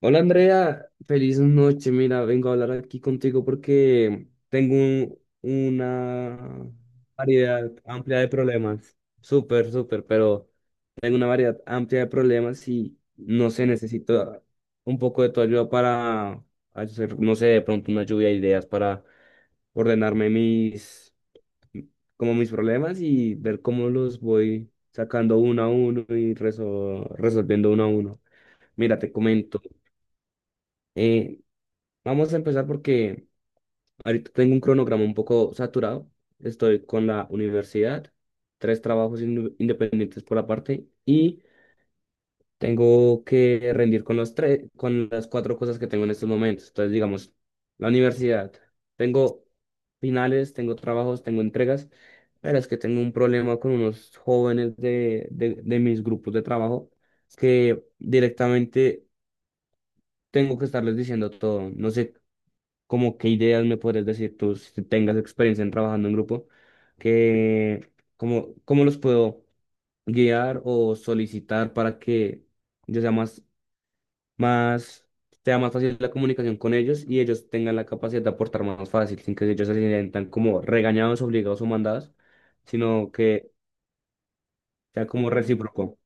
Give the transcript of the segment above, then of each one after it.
Hola Andrea, feliz noche. Mira, vengo a hablar aquí contigo porque tengo una variedad amplia de problemas. Súper, súper, pero tengo una variedad amplia de problemas y no sé, necesito un poco de tu ayuda para hacer, no sé, de pronto una lluvia de ideas para ordenarme mis, como mis problemas y ver cómo los voy sacando uno a uno y resolviendo uno a uno. Mira, te comento. Eh, Vamos a empezar porque ahorita tengo un cronograma un poco saturado. Estoy con la universidad, tres trabajos independientes por aparte y tengo que rendir con los tres, con las cuatro cosas que tengo en estos momentos. Entonces, digamos, la universidad, tengo finales, tengo trabajos, tengo entregas, pero es que tengo un problema con unos jóvenes de mis grupos de trabajo que directamente tengo que estarles diciendo todo. No sé como qué ideas me podrías decir tú si tengas experiencia en trabajando en grupo, que cómo los puedo guiar o solicitar para que yo sea más, sea más fácil la comunicación con ellos y ellos tengan la capacidad de aportar más fácil, sin que ellos se sientan como regañados, obligados o mandados, sino que sea como recíproco.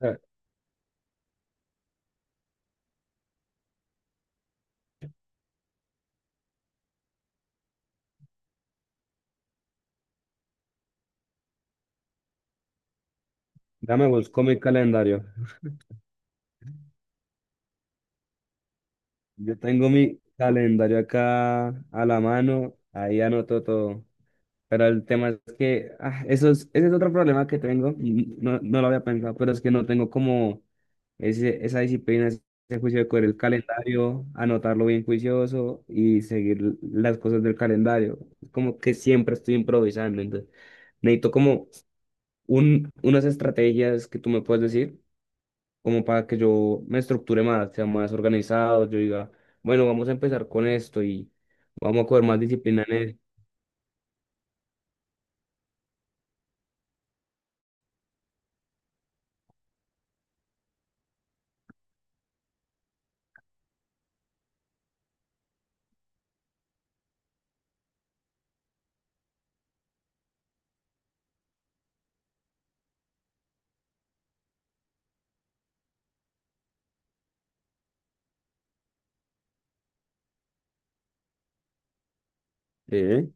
Eh, Dame, busco mi calendario. Yo tengo mi calendario acá a la mano, ahí anoto todo. Pero el tema es que ese es otro problema que tengo, y no, no lo había pensado, pero es que no tengo como ese, esa disciplina, ese juicio de coger el calendario, anotarlo bien juicioso y seguir las cosas del calendario. Es como que siempre estoy improvisando, entonces necesito como unas estrategias que tú me puedes decir, como para que yo me estructure más, sea más organizado, yo diga, bueno, vamos a empezar con esto y vamos a coger más disciplina en él.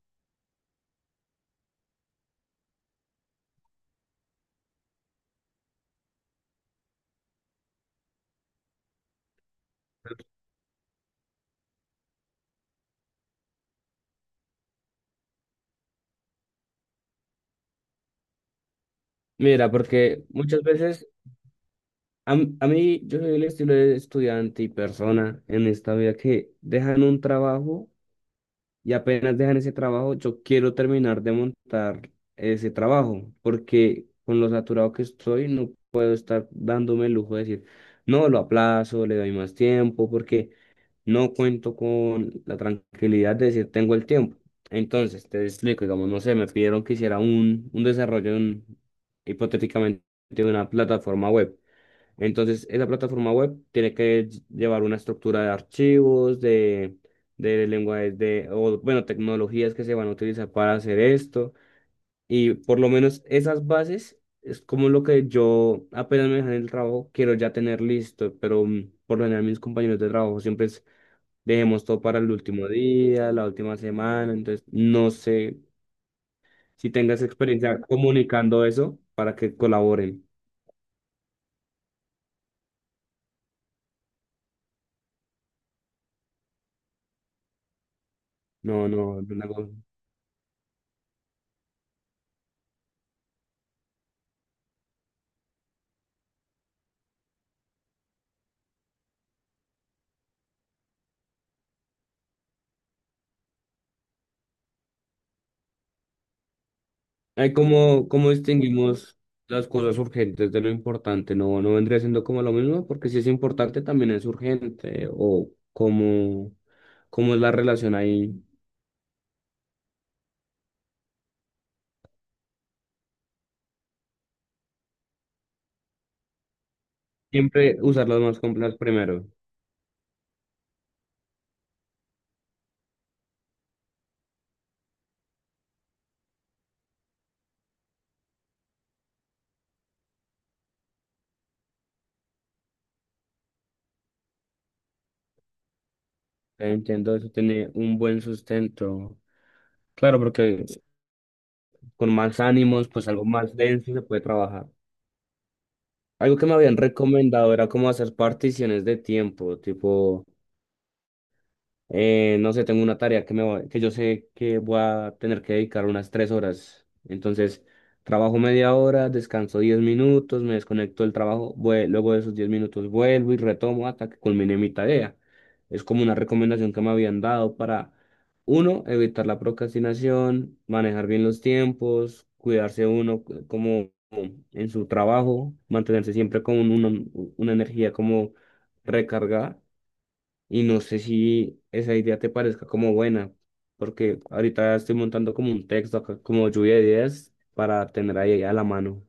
Mira, porque muchas veces a mí yo soy el estilo de estudiante y persona en esta vida que dejan un trabajo y apenas dejan ese trabajo, yo quiero terminar de montar ese trabajo, porque con lo saturado que estoy no puedo estar dándome el lujo de decir, no, lo aplazo, le doy más tiempo, porque no cuento con la tranquilidad de decir tengo el tiempo. Entonces, te explico, digamos, no sé, me pidieron que hiciera un desarrollo hipotéticamente de una plataforma web. Entonces, esa plataforma web tiene que llevar una estructura de archivos, de lenguajes, de, o, bueno, tecnologías que se van a utilizar para hacer esto. Y por lo menos esas bases es como lo que yo apenas me dejan el trabajo, quiero ya tener listo, pero por lo general mis compañeros de trabajo siempre dejemos todo para el último día, la última semana. Entonces, no sé si tengas experiencia comunicando eso para que colaboren. No, no, no. Hay como, cómo distinguimos las cosas urgentes de lo importante. No, no vendría siendo como lo mismo, porque si es importante también es urgente. O cómo cómo es la relación ahí. Siempre usar las más complejas primero. Entiendo, eso tiene un buen sustento. Claro, porque con más ánimos, pues algo más denso se puede trabajar. Algo que me habían recomendado era como hacer particiones de tiempo, tipo, no sé, tengo una tarea que yo sé que voy a tener que dedicar unas 3 horas. Entonces, trabajo media hora, descanso 10 minutos, me desconecto del trabajo, luego de esos 10 minutos vuelvo y retomo hasta que culmine mi tarea. Es como una recomendación que me habían dado para, uno, evitar la procrastinación, manejar bien los tiempos, cuidarse uno como en su trabajo, mantenerse siempre con una energía como recargada y no sé si esa idea te parezca como buena, porque ahorita estoy montando como un texto acá, como lluvia de ideas para tener ahí a la mano.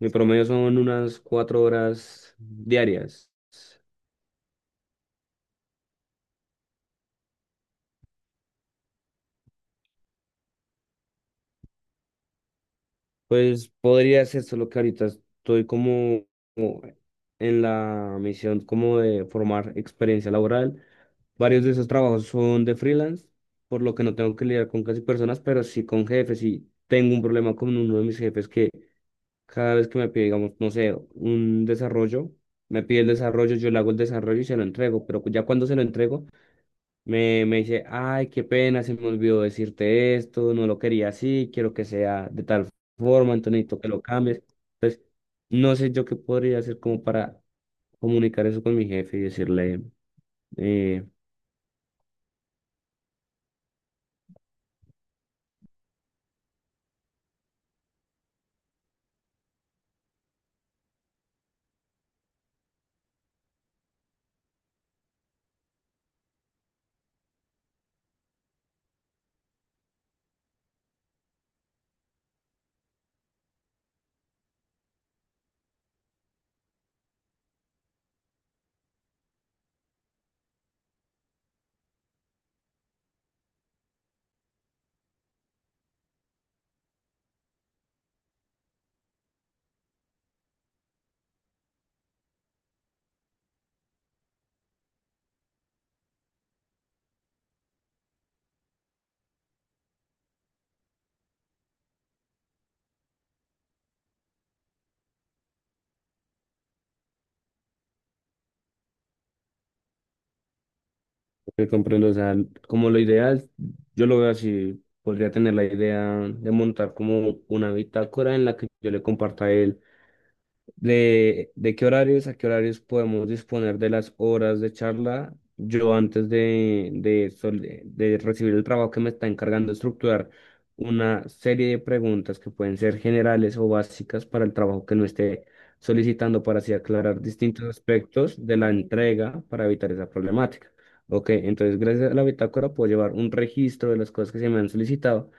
Mi promedio son unas 4 horas diarias. Pues podría ser solo que ahorita estoy como en la misión como de formar experiencia laboral. Varios de esos trabajos son de freelance, por lo que no tengo que lidiar con casi personas, pero sí con jefes. Y tengo un problema con uno de mis jefes que cada vez que me pide, digamos, no sé, un desarrollo, me pide el desarrollo, yo le hago el desarrollo y se lo entrego, pero ya cuando se lo entrego, me dice, ay, qué pena, se me olvidó decirte esto, no lo quería así, quiero que sea de tal forma, entonces necesito que lo cambies. Entonces, no sé yo qué podría hacer como para comunicar eso con mi jefe y decirle, eh, que comprendo, o sea, como lo ideal, yo lo veo así, podría tener la idea de montar como una bitácora en la que yo le comparta a él. ¿De de, qué horarios a qué horarios podemos disponer de las horas de charla? Yo antes de, sol- de recibir el trabajo que me está encargando de estructurar una serie de preguntas que pueden ser generales o básicas para el trabajo que no esté solicitando para así aclarar distintos aspectos de la entrega para evitar esa problemática. Ok, entonces gracias a la bitácora puedo llevar un registro de las cosas que se me han solicitado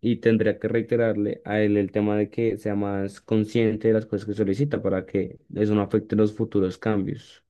y tendría que reiterarle a él el tema de que sea más consciente de las cosas que solicita para que eso no afecte los futuros cambios.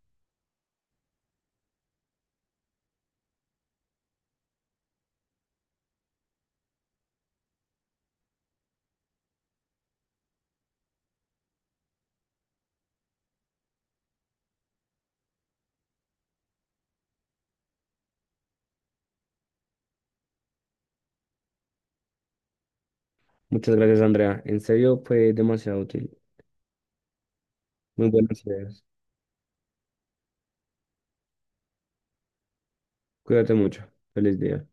Muchas gracias, Andrea. En serio, fue demasiado útil. Muy buenas ideas. Cuídate mucho. Feliz día.